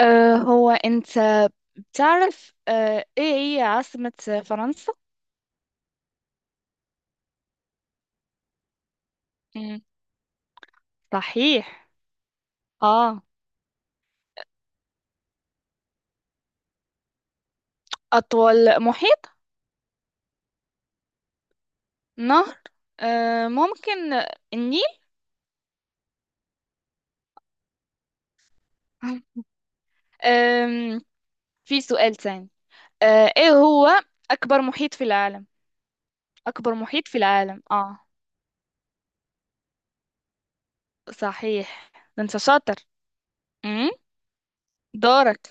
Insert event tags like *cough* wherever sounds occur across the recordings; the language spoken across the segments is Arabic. هو أنت تعرف إيه هي عاصمة فرنسا؟ مم. صحيح. آه. أطول محيط. نهر. ممكن. النيل. *laughs* أم في سؤال تاني. إيه هو أكبر محيط في العالم؟ أكبر محيط في العالم. صحيح. ده أنت شاطر. أمم دورك.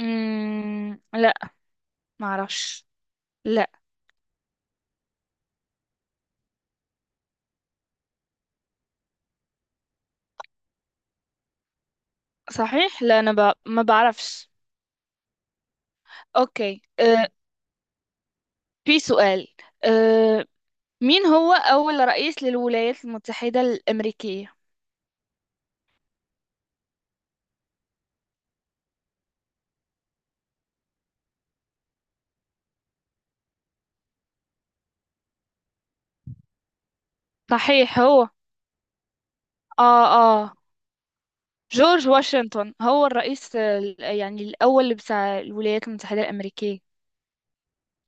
لا. معرفش. لا. صحيح، لا، أنا ما بعرفش. أوكي. في سؤال. آه، مين هو أول رئيس للولايات المتحدة الأمريكية؟ صحيح، هو. آه، آه. جورج واشنطن هو الرئيس يعني الأول اللي بتاع الولايات المتحدة الأمريكية.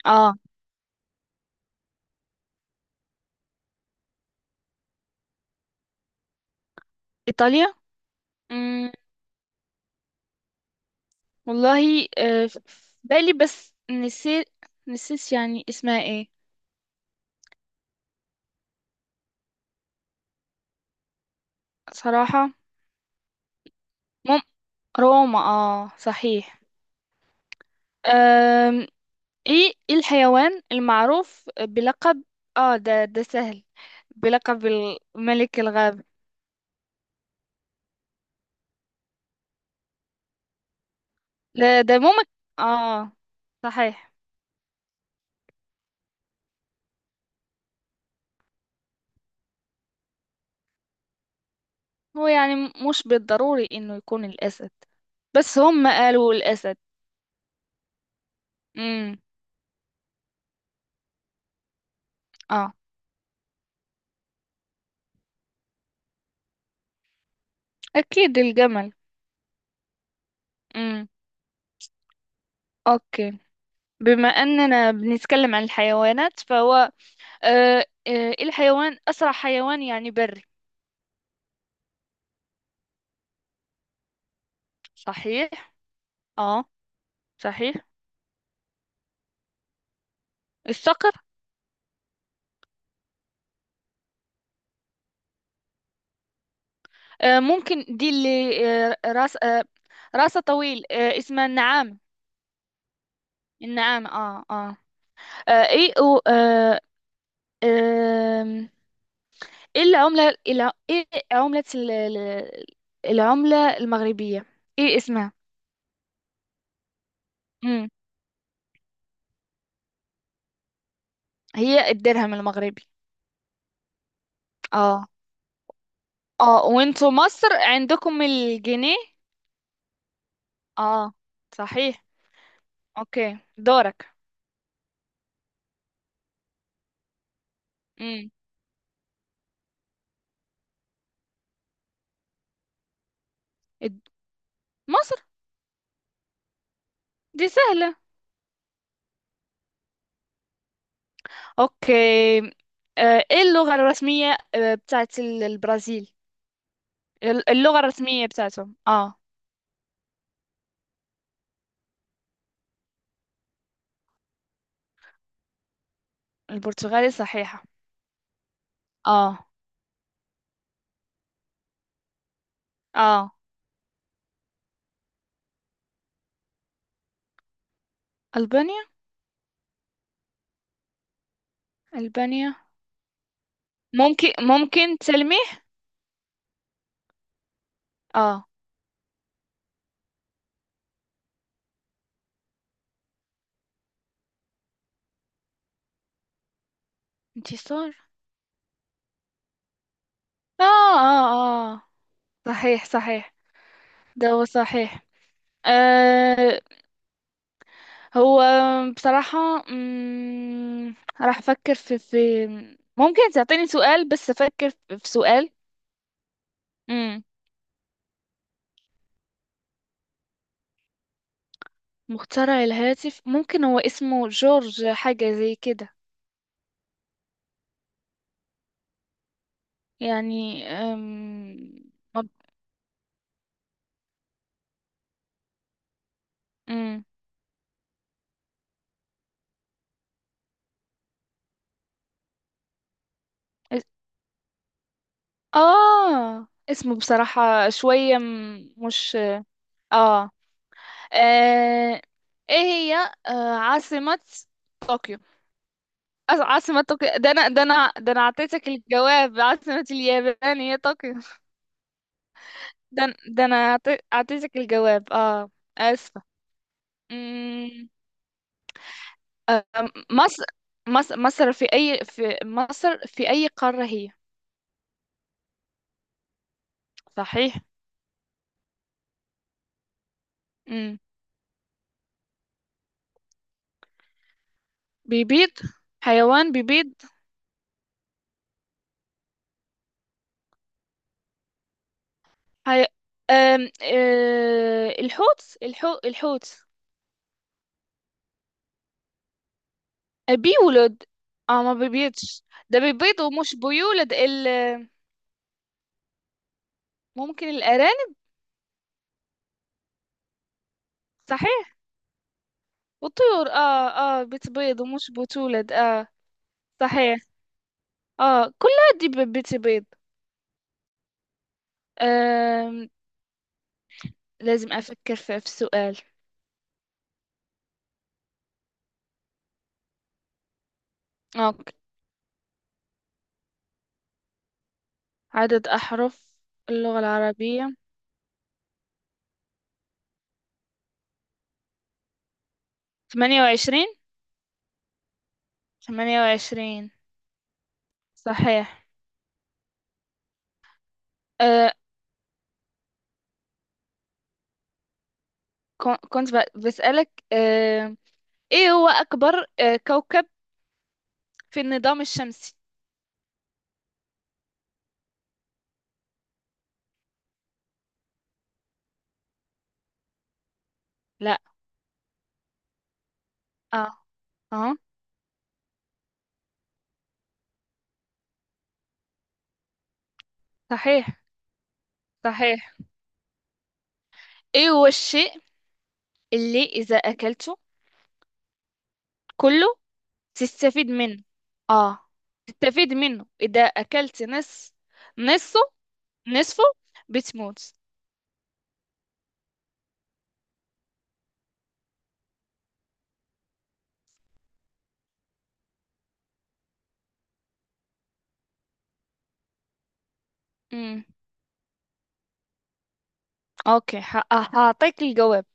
آه. إيطاليا. مم. والله، في بالي، بس نسيت. نسيت يعني اسمها ايه. صراحة. مم. روما، آه، صحيح. آم، ايه الحيوان المعروف بلقب، ده سهل، بلقب الملك الغابة. لا، ده ممكن. اه، صحيح. هو يعني مش بالضروري انه يكون الاسد، بس هم قالوا الاسد. امم اه اكيد الجمل. امم اوكي. بما اننا بنتكلم عن الحيوانات، فهو اسرع حيوان يعني بري. صحيح. اه، صحيح. الصقر. ممكن، دي اللي آه راس آه راسه طويل، اسمها النعام. النعام، اه، اه. ايه آه ايه العملة إيه الع- ايه عملة ال- ال- العملة المغربية، ايه اسمها؟ امم هي الدرهم المغربي. اه. اه، وانتوا مصر عندكم الجنيه. اه، صحيح. اوكي، دورك. امم مصر. دي سهلة. اوكي. ايه اللغة الرسمية، بتاعت البرازيل. اللغة الرسمية بتاعتهم، اه. البرتغالي صحيحة. اه. اه. ألبانيا. ألبانيا. ممكن تسلمي. اه. انتصار. اه، اه، اه، صحيح، صحيح. ده هو صحيح. آه هو، بصراحة. مم، راح أفكر في. ممكن تعطيني سؤال بس أفكر في سؤال. مم. مخترع الهاتف، ممكن هو اسمه جورج، حاجة زي كده. يعني مب- مم. اس- اسمه بصراحة شوية مش. آه. آه... ايه هي عاصمة طوكيو. عاصمة طوكيو، ده انا اعطيتك الجواب، عاصمة اليابان هي طوكيو. ده انا اعطيتك الجواب. اه. اسفة. مم... آه... مصر. مصر مصر في اي في مصر في اي قارة هي؟ صحيح. مم. بيبيض. حيوان بيبيض. حي... الحوت، الحوت، الحوت. آه، بيولد. اه، ما بيبيضش. ده بيبيض ومش بيولد. ممكن الأرانب. صحيح. والطيور. اه، اه، بتبيض ومش بتولد، اه. صحيح. اه، كلها دي بتبيض. آم، لازم أفكر في السؤال. اوكي. عدد أحرف اللغة العربية. 28. 28. صحيح. آه كنت بسألك. ايه هو أكبر كوكب في النظام الشمسي؟ لا. اه، اه، صحيح، صحيح. ايه هو الشيء اللي اذا اكلته كله تستفيد منه. اه. تستفيد منه اذا اكلت نص. نصه. نصفه. بتموت. امم اوكي. هعطيك الجواب.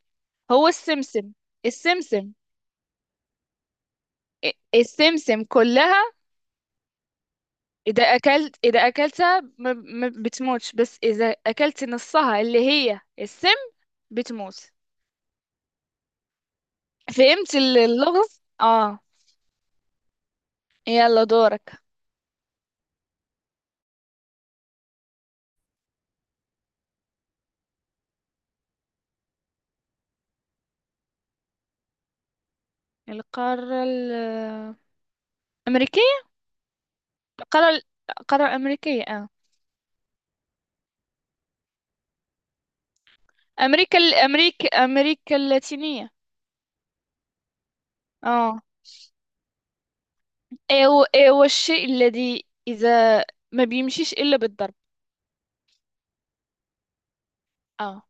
هو السمسم. السمسم. السمسم كلها. اذا اكلتها ما بتموتش، بس اذا اكلت نصها اللي هي السم، بتموت. فهمت اللغز. اه. يلا، دورك. القارة الأمريكية. القارة ال- القارة الأمريكية، اه. أمريكا اللاتينية. اه. ايوا، ايوا، الشيء الذي إذا ما بيمشيش إلا بالضرب. اه.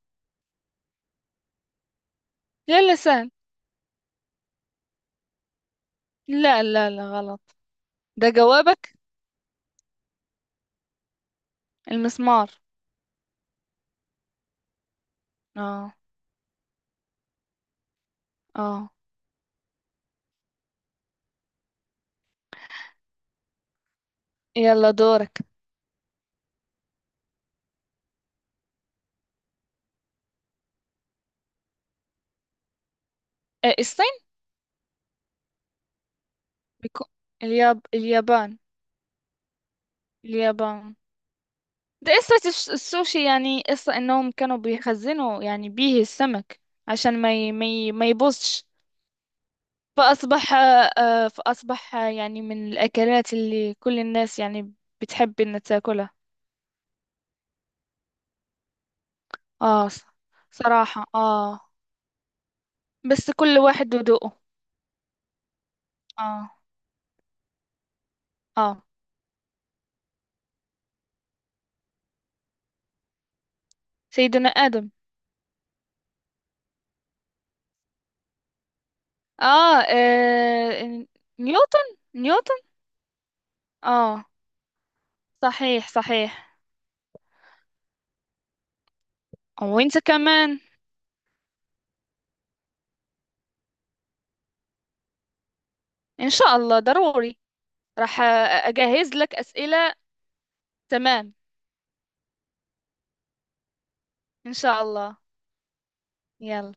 لا، لا، سهل. لا، لا، لا، غلط. ده جوابك. المسمار. اه، اه. يلا، دورك. الصين. بيكو... اليابان. اليابان. ده قصة السوشي، يعني قصة إنهم كانوا بيخزنوا يعني بيه السمك، عشان ما يبوظش. فأصبح فأصبح يعني من الأكلات اللي كل الناس يعني بتحب إنها تاكلها. آه ص- صراحة، بس كل واحد وذوقه. آه، آه. سيدنا آدم. آه، آه. نيوتن، نيوتن. آه، صحيح، صحيح. وأنت كمان. إن شاء الله، ضروري. راح أجهز لك أسئلة. تمام. إن شاء الله. يلا.